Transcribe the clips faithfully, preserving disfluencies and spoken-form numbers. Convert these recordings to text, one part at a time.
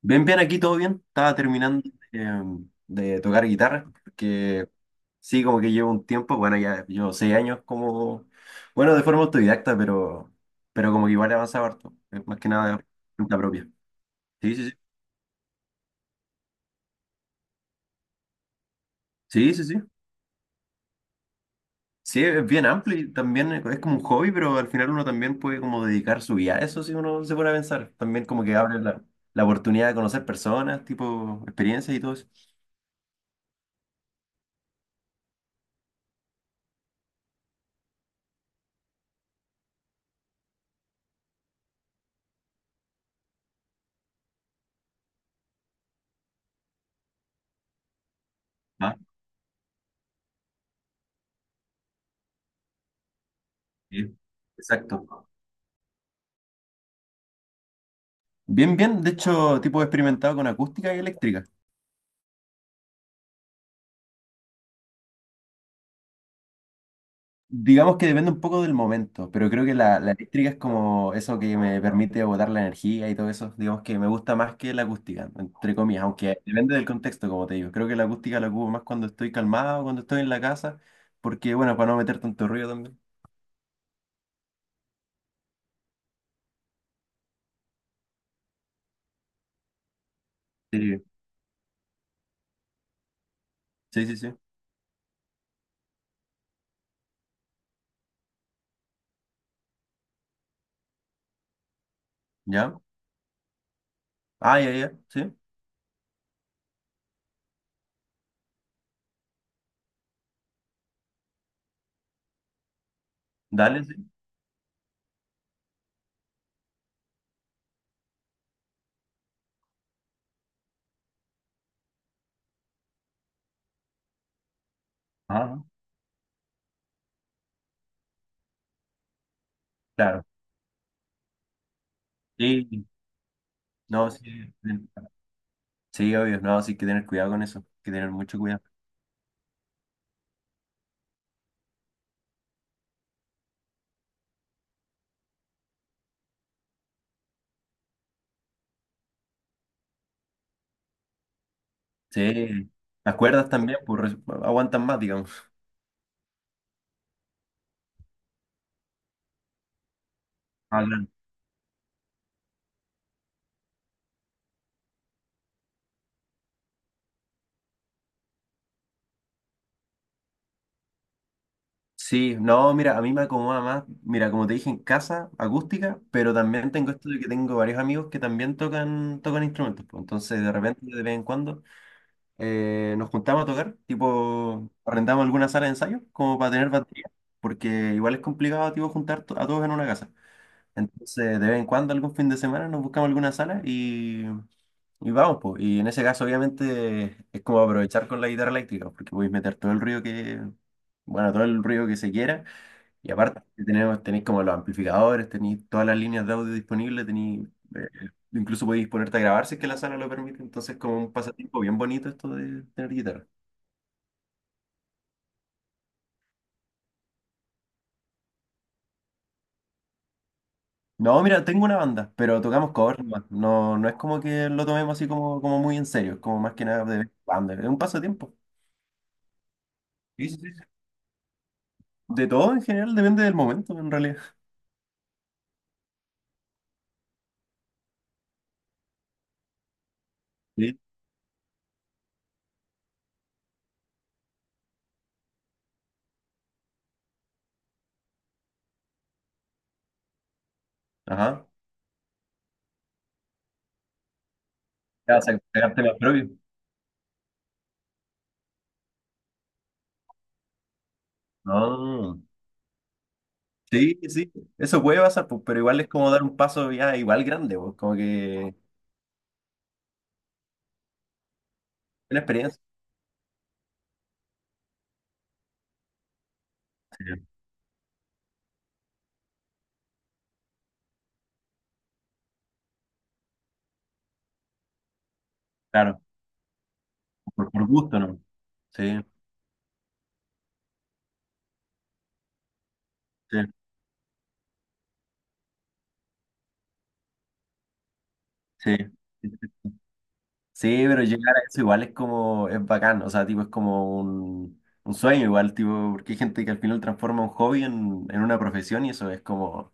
Bien, bien, aquí todo bien. Estaba terminando eh, de tocar guitarra, porque sí, como que llevo un tiempo, bueno, ya llevo seis años como, bueno, de forma autodidacta, pero, pero como que igual he avanzado harto, es más que nada cuenta propia. Sí, sí, sí. Sí, sí, sí. Sí, es bien amplio y también es como un hobby, pero al final uno también puede como dedicar su vida a eso si uno se pone a pensar. También como que abre la, la oportunidad de conocer personas, tipo experiencias y todo eso. Ah, sí. Exacto. Bien, bien, de hecho, tipo experimentado con acústica y eléctrica. Digamos que depende un poco del momento, pero creo que la, la eléctrica es como eso que me permite agotar la energía y todo eso. Digamos que me gusta más que la acústica, entre comillas, aunque depende del contexto, como te digo. Creo que la acústica la ocupo más cuando estoy calmado, cuando estoy en la casa, porque, bueno, para no meter tanto ruido también. Sí, sí, sí, sí. ¿Ya? Ah, ya, ya, sí. Dale, sí. Ajá, claro. Sí, no, sí. Sí, obvio, no, sí hay que tener cuidado con eso, hay que tener mucho cuidado. Sí. Las cuerdas también, pues res- bueno, aguantan más, digamos. Ah, claro. Sí, no, mira, a mí me acomoda más, mira, como te dije, en casa, acústica, pero también tengo esto de que tengo varios amigos que también tocan, tocan instrumentos, pues, entonces de repente, de vez en cuando, eh, nos juntamos a tocar, tipo, arrendamos alguna sala de ensayo como para tener batería, porque igual es complicado, tipo, juntar to- a todos en una casa. Entonces, de vez en cuando, algún fin de semana, nos buscamos alguna sala y Y vamos, pues. Y en ese caso, obviamente, es como aprovechar con la guitarra eléctrica, porque podéis meter todo el ruido que, bueno, todo el ruido que se quiera. Y aparte, si tenemos, tenéis como los amplificadores, tenéis todas las líneas de audio disponibles, tenéis, eh, incluso podéis ponerte a grabar si es que la sala lo permite. Entonces, como un pasatiempo bien bonito esto de tener guitarra. No, mira, tengo una banda, pero tocamos covers nomás. No, no es como que lo tomemos así como, como muy en serio, es como más que nada de vez, es un pasatiempo. Sí, sí, sí. De todo en general, depende del momento, en realidad. Sí. Ajá. Ya, o sea, pegarte más propio. No. Sí, sí. Eso puede pasar, pues, pero igual es como dar un paso ya igual grande, pues, como que una experiencia. Sí, claro, por, por gusto, ¿no? Sí, sí, sí. Sí, sí. Sí, pero llegar a eso igual es como, es bacán, o sea, tipo, es como un, un sueño igual, tipo, porque hay gente que al final transforma un hobby en, en una profesión y eso es como,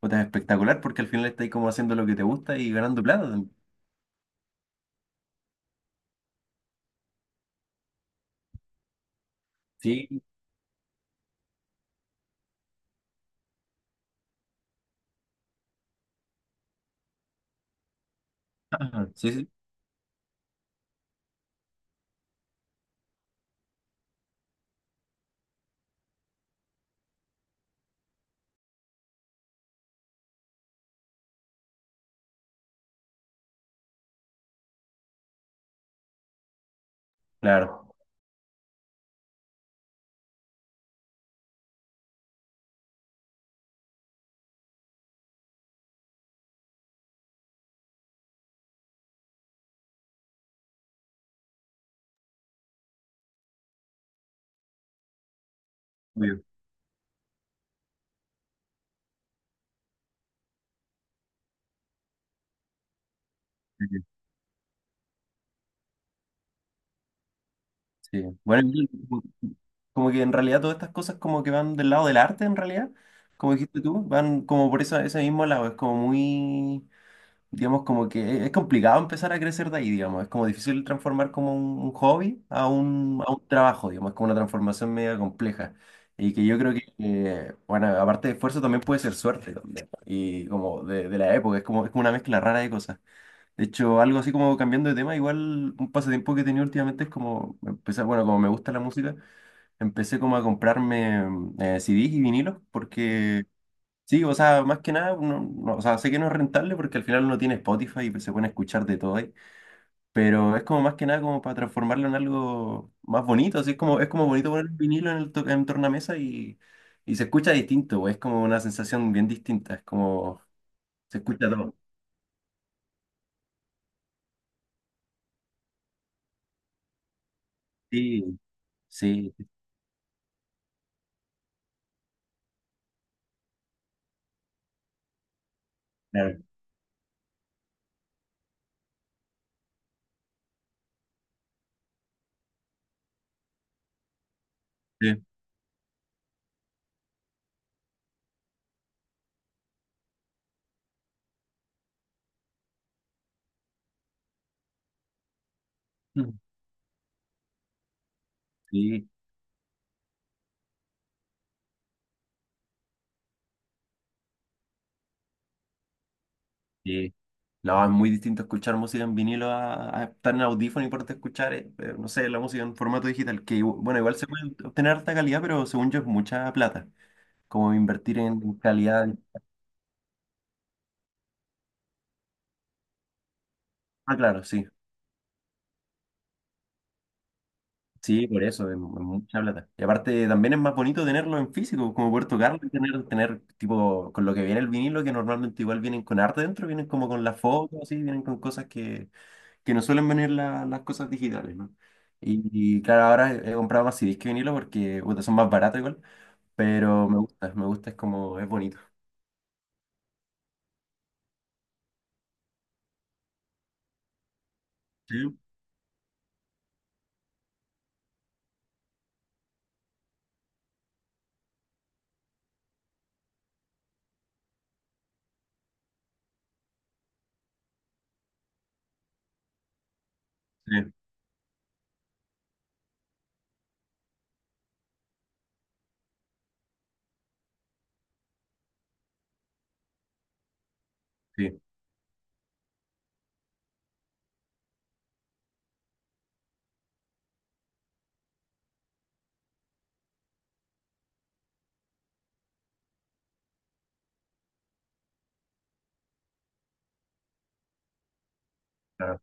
puta, es espectacular porque al final estás como haciendo lo que te gusta y ganando plata también. Sí. Ajá, sí, sí, claro. Obvio. Sí, sí. Sí. Bueno, yo, como que en realidad todas estas cosas como que van del lado del arte en realidad, como dijiste tú, van como por esa, ese mismo lado, es como muy, digamos, como que es es complicado empezar a crecer de ahí, digamos, es como difícil transformar como un, un hobby a un, a un trabajo, digamos, es como una transformación media compleja. Y que yo creo que, eh, bueno, aparte de esfuerzo también puede ser suerte también. Y como de, de la época, es como, es como una mezcla rara de cosas. De hecho, algo así como cambiando de tema, igual un pasatiempo que he tenido últimamente es como empezar, bueno, como me gusta la música, empecé como a comprarme mm, eh, C D s y vinilos, porque sí, o sea, más que nada, no, no, o sea, sé que no es rentable porque al final uno tiene Spotify y pues, se pueden escuchar de todo ahí, pero es como más que nada como para transformarlo en algo más bonito, así es como, es como bonito poner un vinilo en el, to- en el tornamesa y, y se escucha distinto, es como una sensación bien distinta, es como se escucha todo. Sí, sí, claro. Sí. Sí, sí. No, es muy distinto escuchar música en vinilo a, a estar en audífono y poderte escuchar, eh, eh, no sé, la música en formato digital, que igu- bueno, igual se puede obtener harta calidad, pero según yo es mucha plata. Como invertir en calidad. Ah, claro, sí. Sí, por eso, es, mu- es mucha plata. Y aparte también es más bonito tenerlo en físico, como poder tocarlo y tener, tener tipo, con lo que viene el vinilo, que normalmente igual vienen con arte dentro, vienen como con la foto, así, vienen con cosas que que no suelen venir la- las cosas digitales, ¿no? Y, y claro, ahora he he comprado más C D s que vinilo porque puta, son más baratos igual, pero me gusta, me gusta, es como, es bonito. Sí, sí, sí, claro,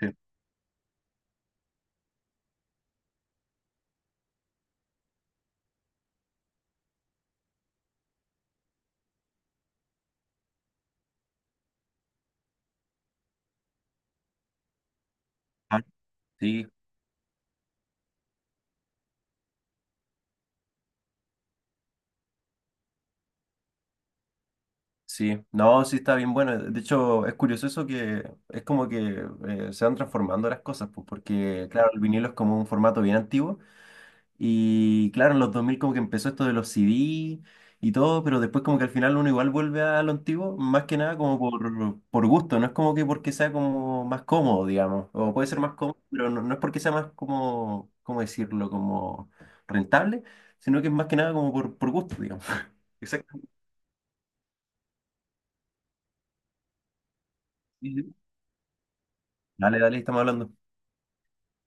sí. Ah, sí, sí. No, sí está bien bueno. De hecho, es curioso eso que es como que eh, se van transformando las cosas, pues, porque claro, el vinilo es como un formato bien antiguo. Y claro, en los dos mil como que empezó esto de los C D y todo, pero después como que al final uno igual vuelve a lo antiguo, más que nada como por, por gusto, no es como que porque sea como más cómodo, digamos, o puede ser más cómodo, pero no, no es porque sea más como, ¿cómo decirlo?, como rentable, sino que es más que nada como por, por gusto, digamos. Exacto. Dale, dale, estamos hablando.